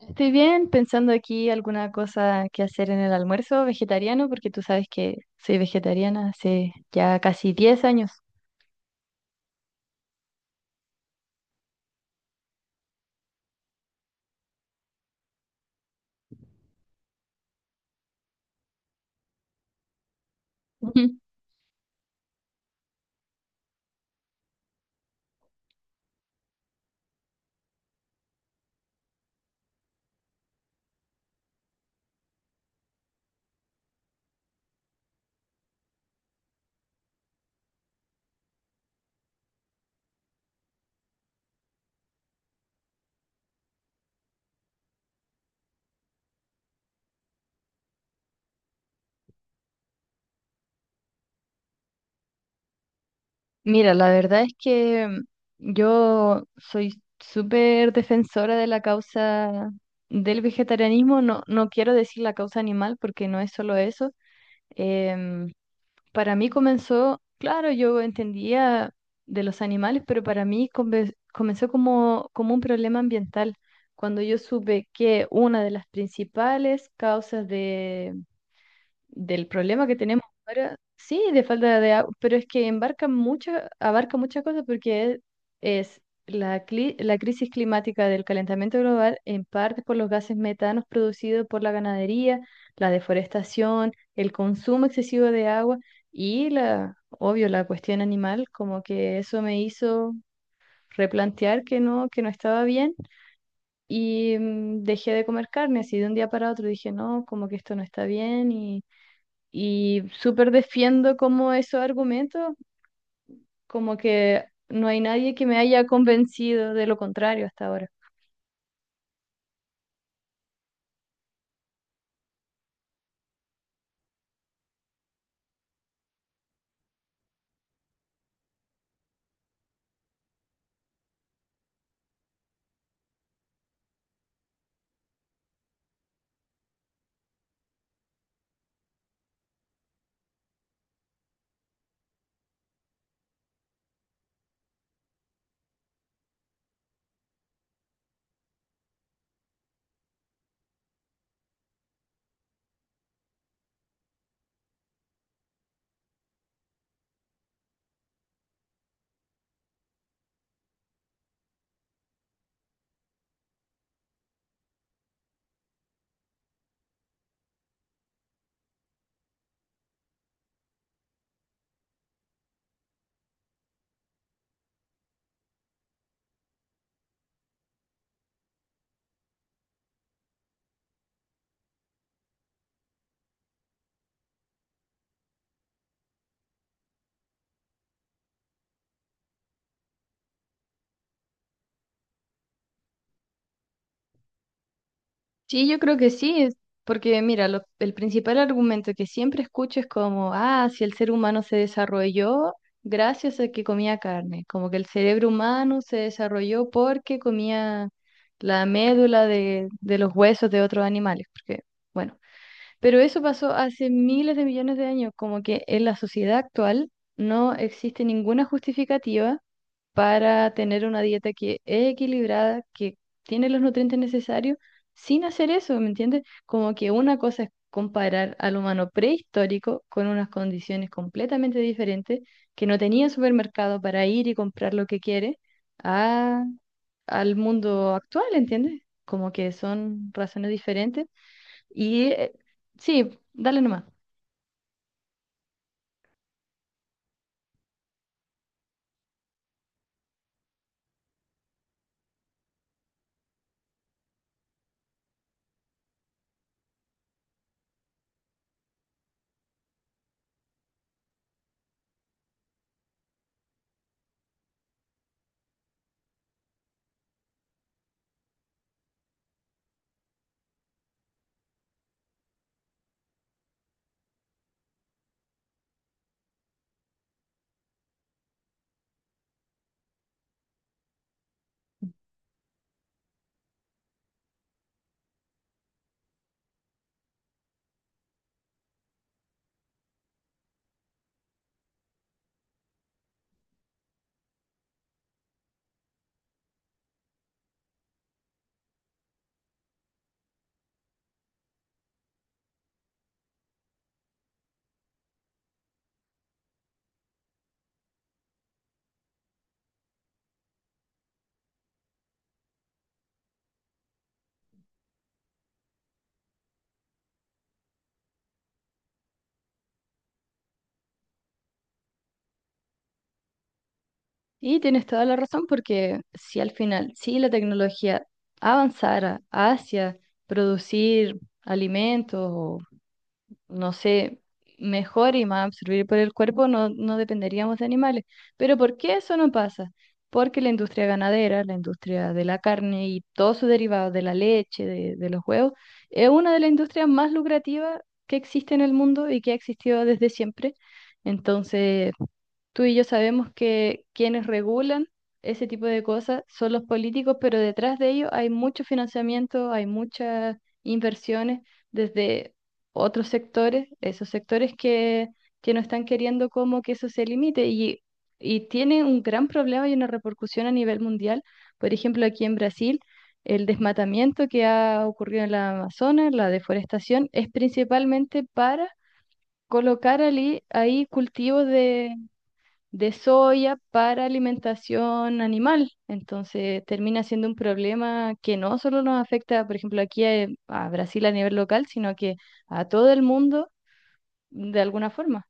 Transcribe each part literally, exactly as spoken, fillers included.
Estoy bien pensando aquí alguna cosa que hacer en el almuerzo vegetariano, porque tú sabes que soy vegetariana hace ya casi diez años. Ujú. Mira, la verdad es que mm, yo soy súper defensora de la causa del vegetarianismo. No, no quiero decir la causa animal porque no es solo eso. Em, Para mí comenzó, claro, yo entendía de los animales, pero para mí come- comenzó como, como un problema ambiental, cuando yo supe que una de las principales causas del problema que tenemos ahora, sí, de falta de agua, pero es que embarca mucha, abarca muchas cosas porque es, la, cli- la crisis climática del calentamiento global, en parte por los gases metanos producidos por la ganadería, la deforestación, el consumo excesivo de agua y la, obvio, la cuestión animal, como que eso me hizo replantear que no, que no estaba bien y mm, dejé de comer carne así de un día para otro, dije, no, como que esto no está bien y y súper defiendo como esos argumentos, como que no hay nadie que me haya convencido de lo contrario hasta ahora. Sí, yo creo que sí, es- porque mira, lo- el principal argumento que siempre escucho es como, ah, si el ser humano se desarrolló gracias a que comía carne, como que el cerebro humano se desarrolló porque comía la médula de, de los huesos de otros animales, porque, bueno, pero eso pasó hace miles de millones de años, como que en la sociedad actual no existe ninguna justificativa para tener una dieta que es equilibrada, que tiene los nutrientes necesarios, sin hacer eso, ¿me entiendes? Como que una cosa es comparar al humano prehistórico con unas condiciones completamente diferentes, que no tenía supermercado para ir y comprar lo que quiere, a, al mundo actual, ¿entiendes? Como que son razones diferentes y eh, sí, dale nomás. Y tienes toda la razón porque si al final, si la tecnología avanzara hacia producir alimentos o, no sé, mejor y más absorbido por el cuerpo, no, no dependeríamos de animales. Pero ¿por qué eso no pasa? Porque la industria ganadera, la industria de la carne y todos sus derivados de la leche, de, de los huevos, es una de las industrias más lucrativas que existe en el mundo y que ha existido desde siempre. Entonces tú y yo sabemos que quienes regulan ese tipo de cosas son los políticos, pero detrás de ellos hay mucho financiamiento, hay muchas inversiones desde otros sectores, esos sectores que, que no están queriendo como que eso se limite y, y tiene un gran problema y una repercusión a nivel mundial. Por ejemplo, aquí en Brasil, el desmatamiento que ha ocurrido en la Amazonas, la deforestación, es principalmente para colocar ali- ahí cultivos de de soya para alimentación animal. Entonces termina siendo un problema que no solo nos afecta, por ejemplo, aquí a, a Brasil a nivel local, sino que a todo el mundo de alguna forma.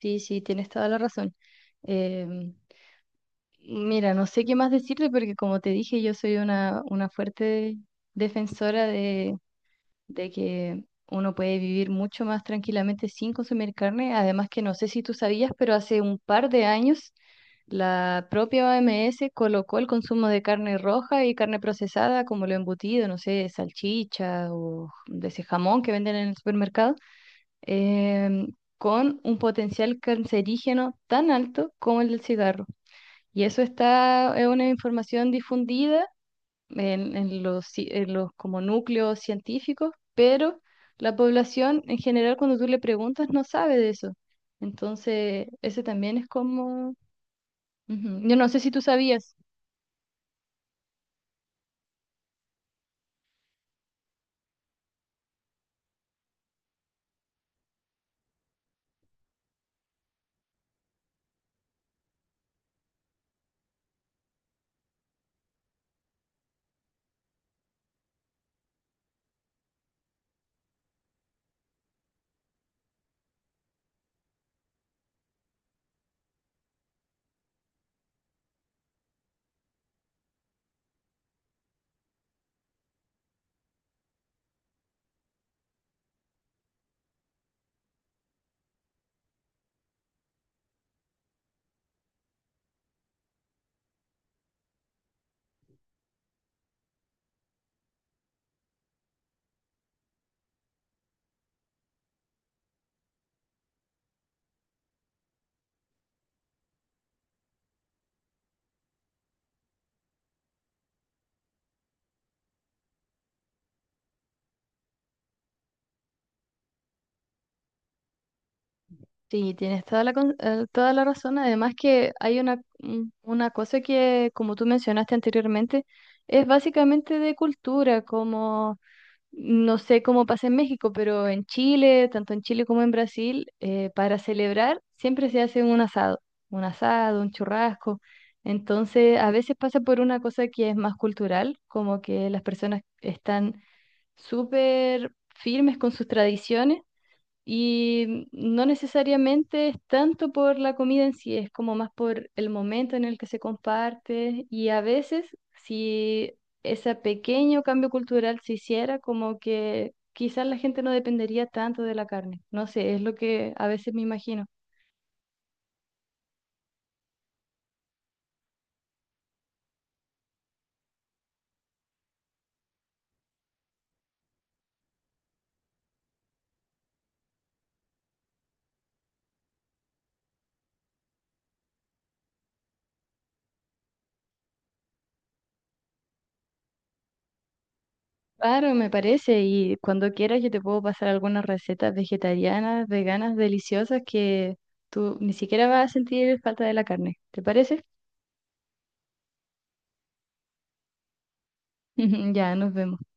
Sí, sí, tienes toda la razón. Em, mira, no sé qué más decirte porque como te dije, yo soy una, una fuerte defensora de que uno puede vivir mucho más tranquilamente sin consumir carne. Además que no sé si tú sabías, pero hace un par de años la propia O M S colocó el consumo de carne roja y carne procesada, como lo embutido, no sé, salchicha o de ese jamón que venden en el supermercado, em, con un potencial cancerígeno tan alto como el del cigarro. Y eso está, es una información difundida en, en los, ci- en los como núcleos científicos, pero la población en general cuando tú le preguntas no sabe de eso. Entonces, ese también es como... Ujú. Yo no sé si tú sabías. Sí, tienes toda la, con- eh, toda la razón. Además que hay una, un- una cosa que, como tú mencionaste anteriormente, es básicamente de cultura, como no sé cómo pasa en México, pero en Chile, tanto en Chile como en Brasil, eh, para celebrar siempre se hace un asado, un asado, un churrasco. Entonces, a veces pasa por una cosa que es más cultural, como que las personas están súper firmes con sus tradiciones y no necesariamente es tanto por la comida en sí, es como más por el momento en el que se comparte. Y a veces, si ese pequeño cambio cultural se hiciera, como que quizás la gente no dependería tanto de la carne. No sé, es lo que a veces me imagino. Claro, me parece. Y cuando quieras, yo te puedo pasar algunas recetas vegetarianas, veganas, deliciosas que tú ni siquiera vas a sentir falta de la carne. ¿Te parece? Ya, nos vemos.